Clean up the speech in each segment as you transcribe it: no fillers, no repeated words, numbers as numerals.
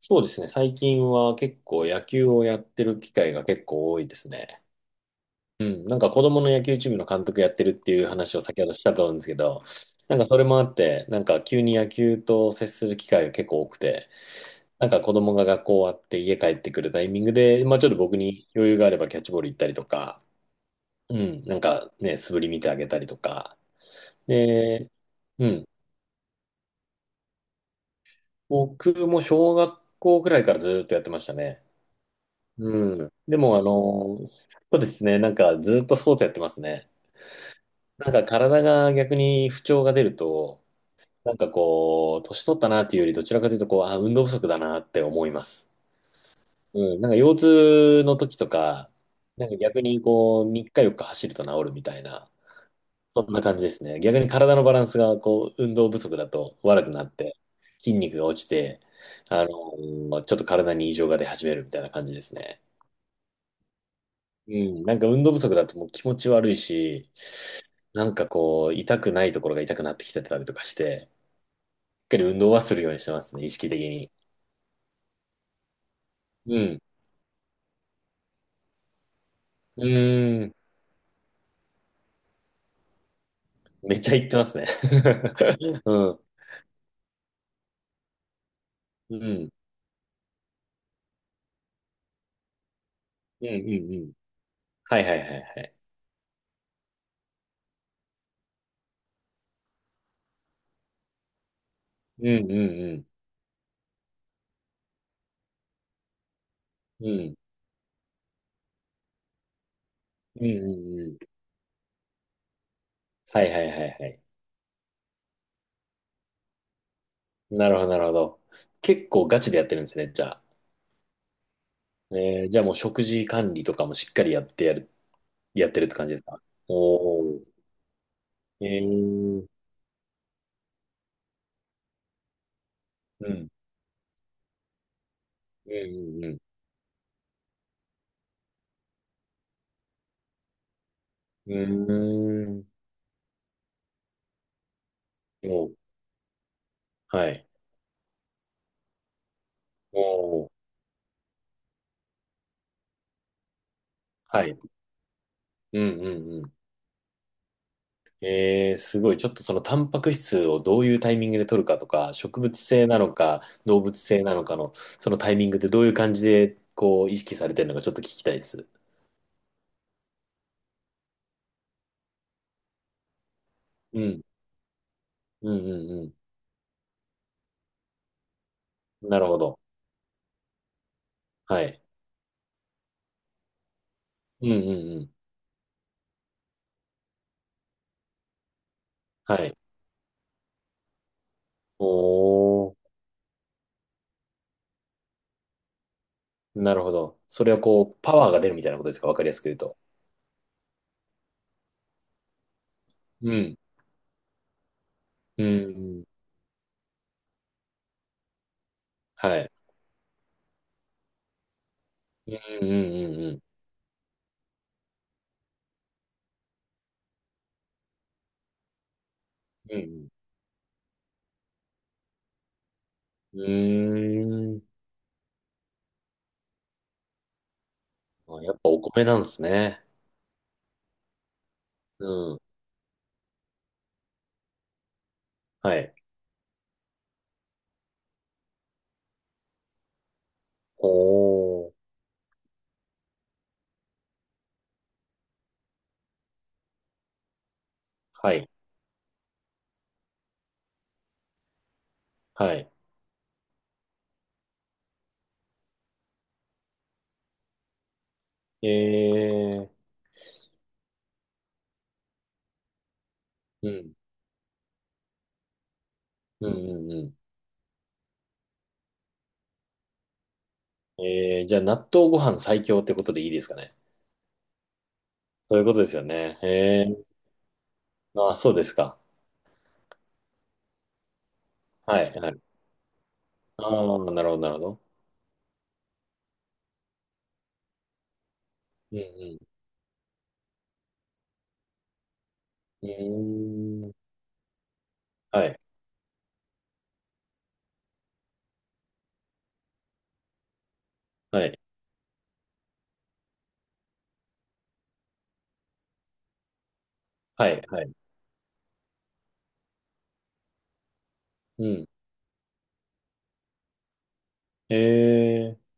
そうですね。最近は結構野球をやってる機会が結構多いですね。うん。なんか子供の野球チームの監督やってるっていう話を先ほどしたと思うんですけど、なんかそれもあって、なんか急に野球と接する機会が結構多くて、なんか子供が学校終わって家帰ってくるタイミングで、まあちょっと僕に余裕があればキャッチボール行ったりとか、うん。なんかね、素振り見てあげたりとか。で、うん。僕も小学校くらいからずっとやってましたね。うん。でも、そうですね。なんか、ずっとスポーツやってますね。なんか、体が逆に不調が出ると、なんかこう、年取ったなっていうより、どちらかというと、こう、あ、運動不足だなって思います。うん。なんか、腰痛の時とか、なんか逆にこう、3日4日走ると治るみたいな、そんな感じですね。逆に体のバランスが、こう、運動不足だと悪くなって、筋肉が落ちて、ちょっと体に異常が出始めるみたいな感じですね。うん、なんか運動不足だともう気持ち悪いし、なんかこう、痛くないところが痛くなってきてたりとかして、しっかり運動はするようにしてますね、意識的に。うん。うーん。めっちゃ言ってますね。うん。うん。うん。うん。うんうんうんうんうん、はいはいはいはい。うんうんうん。うん。うんうんうん。はいはいはいはい。なるほど、なるほど。結構ガチでやってるんですね、じゃあ。じゃあもう食事管理とかもしっかりやってるって感じですか？おー。えー。うんうんうんうん。うーん。おう、はい。おう、はい。うんうんうん。えー、すごい。ちょっとそのタンパク質をどういうタイミングで取るかとか、植物性なのか、動物性なのかの、そのタイミングってどういう感じで、こう、意識されてるのかちょっと聞きたいです。うん。うんうんうん。なるほど。はい。うんうんうん。はい。おー、なるほど。それはこう、パワーが出るみたいなことですか、わかりやすく言うと。うん。うんうん。はい。うんうんうんうん。うんうん、うーん。あ、やっぱお米なんですね。うん。はい。おー。はい。はい。えー。うん。うんうんうん。じゃあ納豆ご飯最強ってことでいいですかね。そういうことですよね。えー。あ、そうですか。はい。はい。ああ、なるほど、なるほど。うんうん。うーん。はい。はい。はい。はい。うん。えー。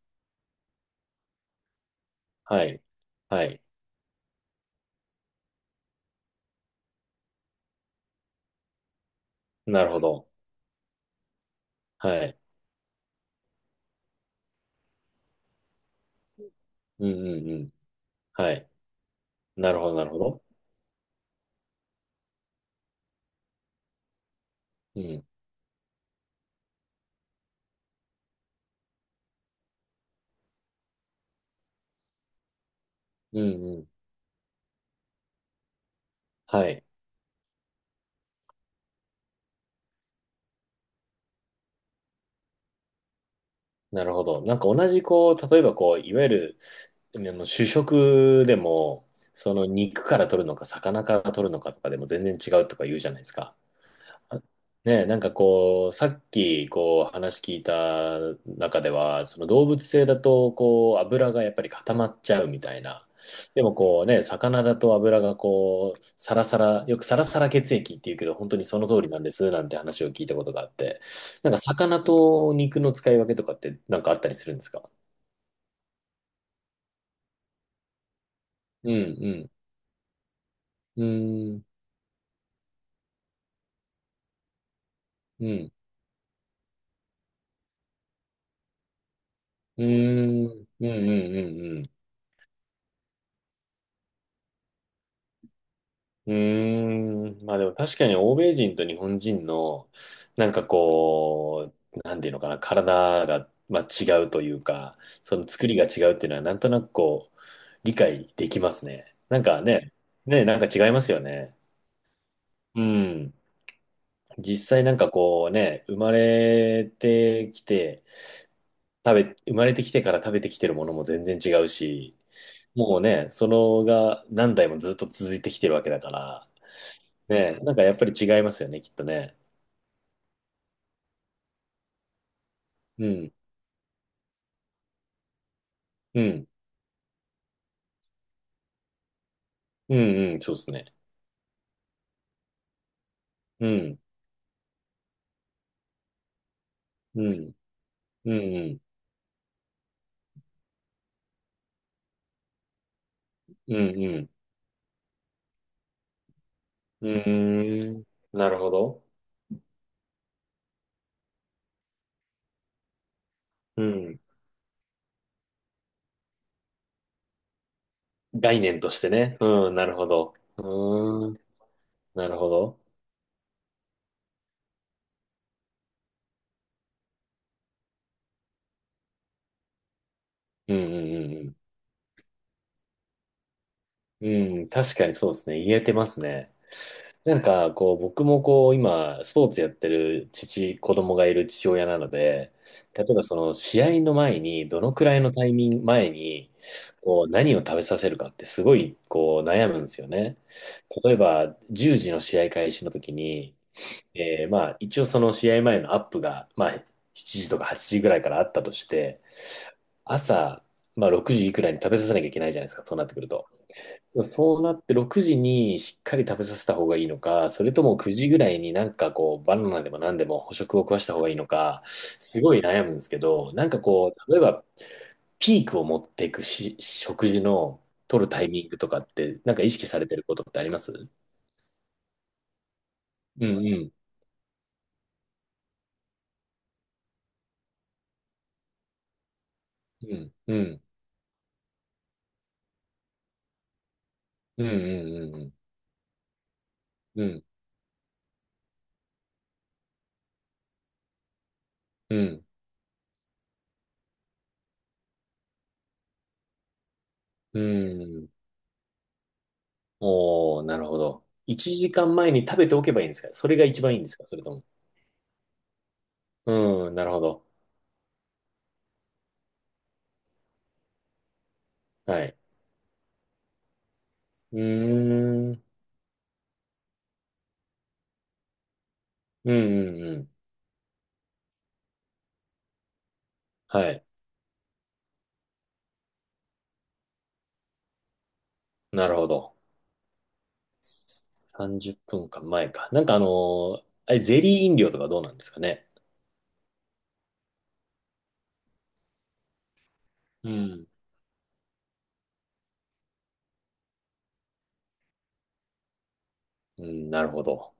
はい。はい。なるほど。はい。うんうんうん。はい。なるほど、なるほど。うん。うんうん。はい。なるほど。なんか同じこう、例えばこう、いわゆる、あの主食でも、その肉から取るのか、魚から取るのかとかでも全然違うとか言うじゃないですか。ねえ、なんかこう、さっきこう話聞いた中では、その動物性だとこう油がやっぱり固まっちゃうみたいな。でもこうね、魚だと油がこう、サラサラ、よくサラサラ血液っていうけど、本当にその通りなんですなんて話を聞いたことがあって、なんか魚と肉の使い分けとかってなんかあったりするんですか？うん、うん、うん、うん、うん、うん、うん、うん、うん。うーん。まあでも確かに欧米人と日本人の、なんかこう、なんていうのかな、体が、まあ、違うというか、その作りが違うっていうのは、なんとなくこう、理解できますね。なんかね、ね、なんか違いますよね。うん。実際なんかこうね、生まれてきて、生まれてきてから食べてきてるものも全然違うし、もうね、そのが何代もずっと続いてきてるわけだから、ね、なんかやっぱり違いますよね、きっとね。うん、うん、うん、うん、そうですね。うん、うん、うん、うん、うん、うん。うーん、なるほど。うん。概念としてね。うん、なるほど。うーん、なるほど。うん、うん、うん、うん。うん、確かにそうですね。言えてますね。なんか、こう、僕もこう、今、スポーツやってる子供がいる父親なので、例えばその試合の前に、どのくらいのタイミング前に、こう、何を食べさせるかってすごい、こう、悩むんですよね。例えば、10時の試合開始の時に、まあ、一応その試合前のアップが、まあ、7時とか8時ぐらいからあったとして、朝、まあ、6時いくらいに食べさせなきゃいけないじゃないですか、そうなってくると。そうなって6時にしっかり食べさせた方がいいのか、それとも9時ぐらいになんかこうバナナでも何でも捕食を食わした方がいいのか、すごい悩むんですけど、なんかこう、例えばピークを持っていくし、食事の取るタイミングとかって、なんか意識されてることってあります？うんうんうんうんうんうんうんうんうんうん、おー、なるほど。1時間前に食べておけばいいんですか？それが一番いいんですか？それとも。うん、なるほど。はい。うーん。うんうんうん。はい。なるほど。30分か前か。なんかあれ、ゼリー飲料とかどうなんですかね。うん。うん、なるほど。